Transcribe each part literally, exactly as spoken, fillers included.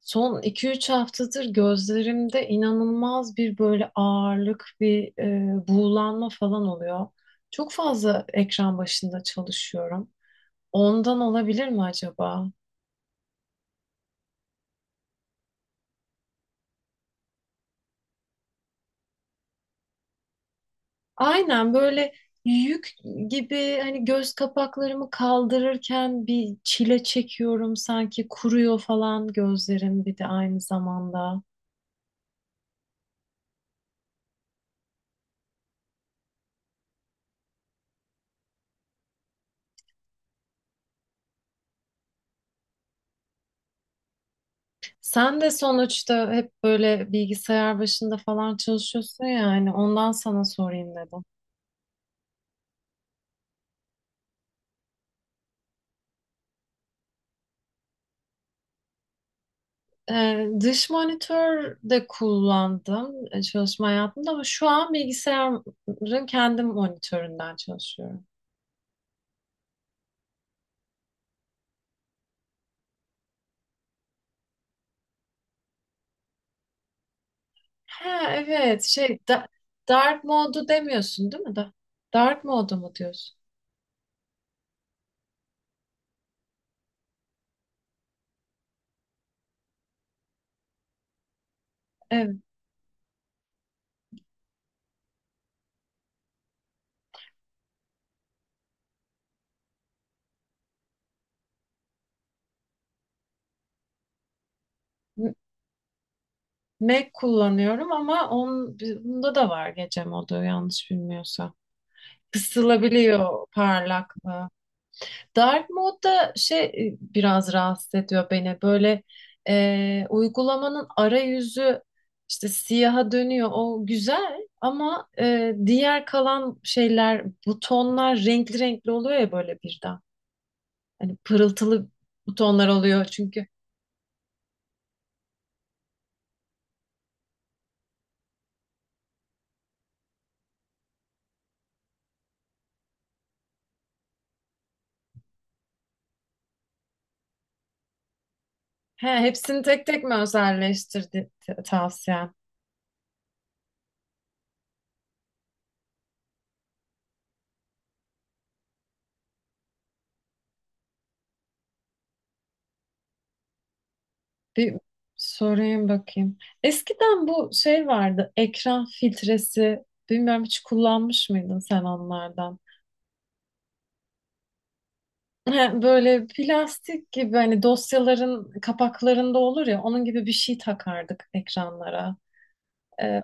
Son iki üç haftadır gözlerimde inanılmaz bir böyle ağırlık, bir e, buğulanma falan oluyor. Çok fazla ekran başında çalışıyorum. Ondan olabilir mi acaba? Aynen böyle yük gibi hani göz kapaklarımı kaldırırken bir çile çekiyorum sanki kuruyor falan gözlerim bir de aynı zamanda. Sen de sonuçta hep böyle bilgisayar başında falan çalışıyorsun ya, yani ondan sana sorayım dedim. Ee, dış monitör de kullandım e, çalışma hayatımda ama şu an bilgisayarın kendi monitöründen çalışıyorum. Ha, evet, şey da- dark modu demiyorsun değil mi? Da dark modu mu diyorsun? Evet. M- Mac kullanıyorum ama onun, bunda da var gece modu yanlış bilmiyorsam. Kısılabiliyor parlaklığı. Dark mode da şey e, biraz rahatsız ediyor beni. Böyle e, uygulamanın arayüzü işte siyaha dönüyor. O güzel ama e, diğer kalan şeyler, butonlar renkli renkli oluyor ya böyle birden. Hani pırıltılı butonlar oluyor çünkü. He, hepsini tek tek mi özelleştirdi t- tavsiyen? Bir sorayım bakayım. Eskiden bu şey vardı, ekran filtresi. Bilmiyorum hiç kullanmış mıydın sen onlardan? Böyle plastik gibi hani dosyaların kapaklarında olur ya onun gibi bir şey takardık ekranlara. Ee,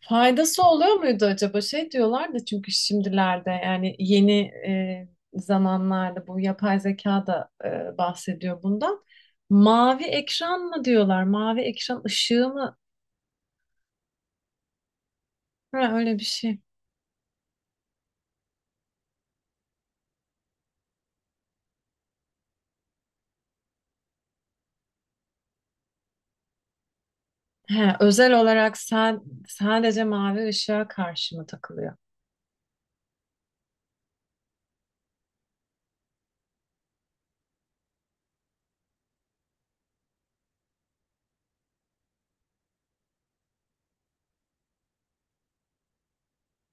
Faydası oluyor muydu acaba? Şey diyorlardı çünkü şimdilerde yani yeni e, zamanlarda bu yapay zeka da e, bahsediyor bundan. Mavi ekran mı diyorlar? Mavi ekran ışığı mı? Ha, öyle bir şey. He, özel olarak sen sadece mavi ışığa karşı mı takılıyor?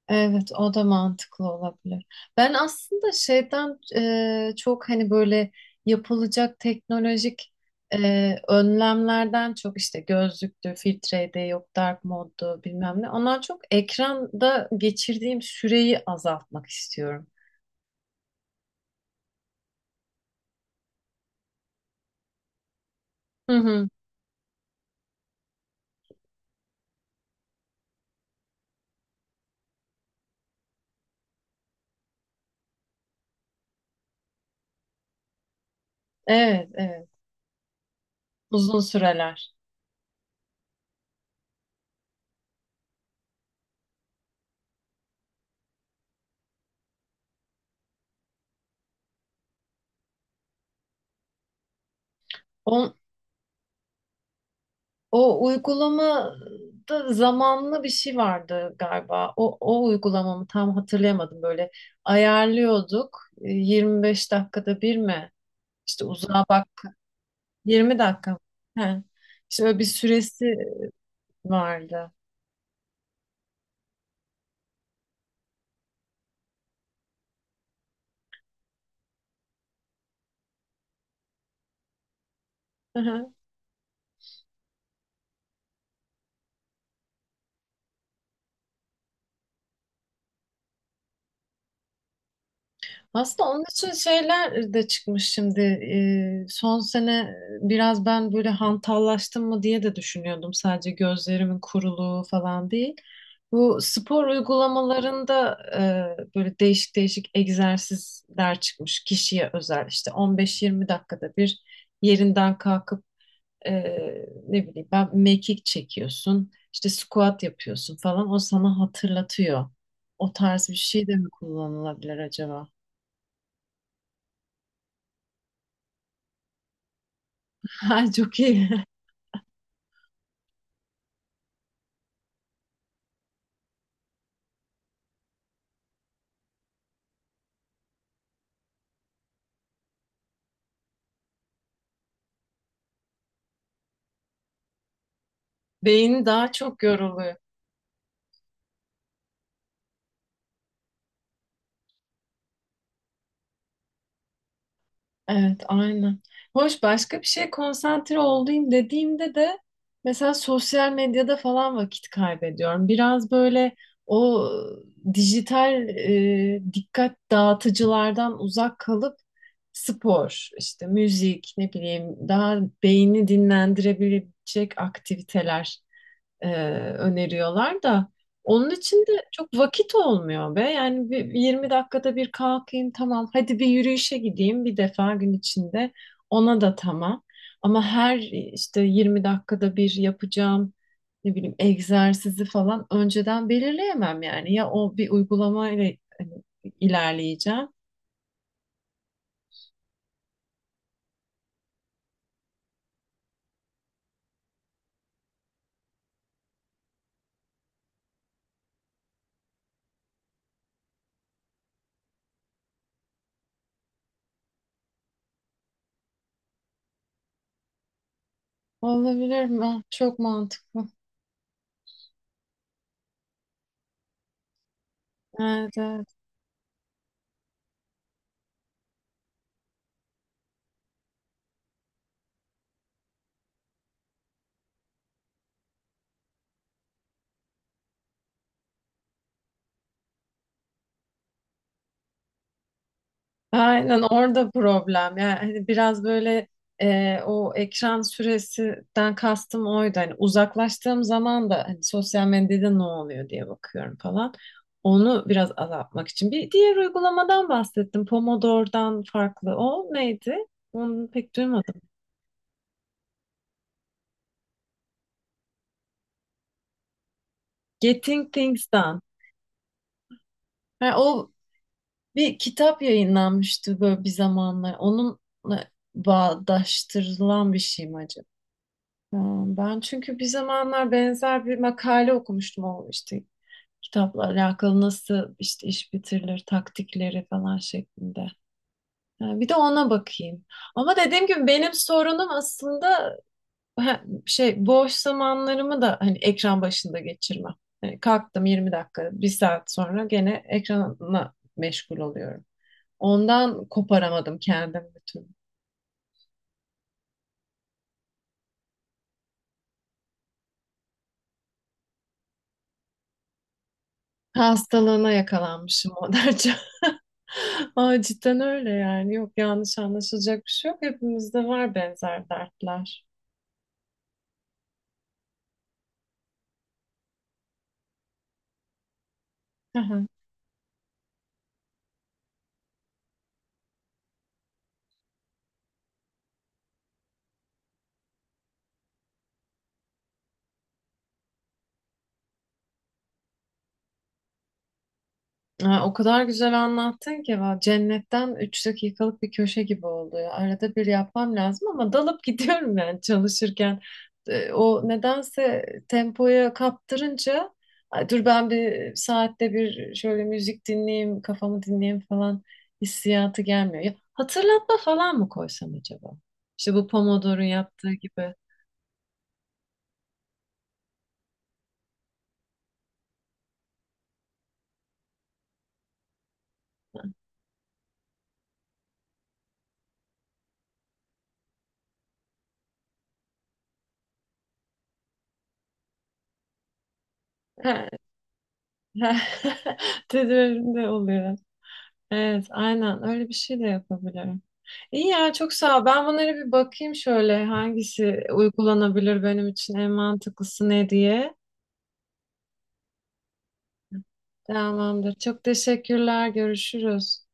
Evet, o da mantıklı olabilir. Ben aslında şeyden e, çok hani böyle yapılacak teknolojik e, önlemlerden çok işte gözlüktü, filtreydi, yok dark moddu bilmem ne. Ondan çok ekranda geçirdiğim süreyi azaltmak istiyorum. Hı hı. Evet, evet. Uzun süreler. On, O, uygulamada zamanlı bir şey vardı galiba. O, o uygulamamı tam hatırlayamadım. Böyle ayarlıyorduk. E, yirmi beş dakikada bir mi? İşte uzağa bak. yirmi dakika mı? He. İşte öyle bir süresi vardı. Aslında onun için şeyler de çıkmış şimdi. Ee, son sene biraz ben böyle hantallaştım mı diye de düşünüyordum. Sadece gözlerimin kuruluğu falan değil. Bu spor uygulamalarında e, böyle değişik değişik egzersizler çıkmış kişiye özel. İşte on beş yirmi dakikada bir yerinden kalkıp e, ne bileyim ben mekik çekiyorsun. İşte squat yapıyorsun falan. O sana hatırlatıyor. O tarz bir şey de mi kullanılabilir acaba? Ha, çok iyi. Beyni daha çok yoruluyor. Evet, aynen. Hoş başka bir şeye konsantre olayım dediğimde de mesela sosyal medyada falan vakit kaybediyorum. Biraz böyle o dijital e, dikkat dağıtıcılardan uzak kalıp spor, işte müzik, ne bileyim daha beyni dinlendirebilecek aktiviteler e, öneriyorlar da onun için de çok vakit olmuyor be. Yani bir, yirmi dakikada bir kalkayım tamam. Hadi bir yürüyüşe gideyim bir defa gün içinde. Ona da tamam. Ama her işte yirmi dakikada bir yapacağım ne bileyim egzersizi falan önceden belirleyemem yani. Ya o bir uygulamayla hani, ilerleyeceğim. Olabilir mi? Ah, çok mantıklı. Evet, evet. Aynen orada problem. Yani hani biraz böyle e, o ekran süresinden kastım oydu. Hani uzaklaştığım zaman da hani sosyal medyada ne oluyor diye bakıyorum falan. Onu biraz azaltmak için. Bir diğer uygulamadan bahsettim. Pomodoro'dan farklı. O neydi? Onu pek duymadım. Getting Things'dan. Ha, o bir kitap yayınlanmıştı böyle bir zamanlar. Onunla bağdaştırılan bir şey mi acaba? Ya, ben çünkü bir zamanlar benzer bir makale okumuştum o işte kitapla alakalı nasıl işte iş bitirilir taktikleri falan şeklinde. Ha, bir de ona bakayım. Ama dediğim gibi benim sorunum aslında ha, şey boş zamanlarımı da hani ekran başında geçirmem. Yani kalktım yirmi dakika, bir saat sonra gene ekranla meşgul oluyorum. Ondan koparamadım kendimi. Hastalığına yakalanmışım Moderca. Aa, cidden öyle yani. Yok, yanlış anlaşılacak bir şey yok. Hepimizde var benzer dertler. Ha, o kadar güzel anlattın ki va- cennetten üç dakikalık bir köşe gibi oldu ya. Arada bir yapmam lazım ama dalıp gidiyorum yani çalışırken. E, O nedense tempoya kaptırınca "Ay, dur ben bir saatte bir şöyle müzik dinleyeyim, kafamı dinleyeyim falan" hissiyatı gelmiyor. Ya, hatırlatma falan mı koysam acaba? İşte bu Pomodoro'nun yaptığı gibi. He, he. Tedavirinde oluyor. Evet, aynen öyle bir şey de yapabilirim. İyi ya, çok sağ ol. Ben bunlara bir bakayım şöyle hangisi uygulanabilir, benim için en mantıklısı ne diye. Tamamdır. Çok teşekkürler. Görüşürüz.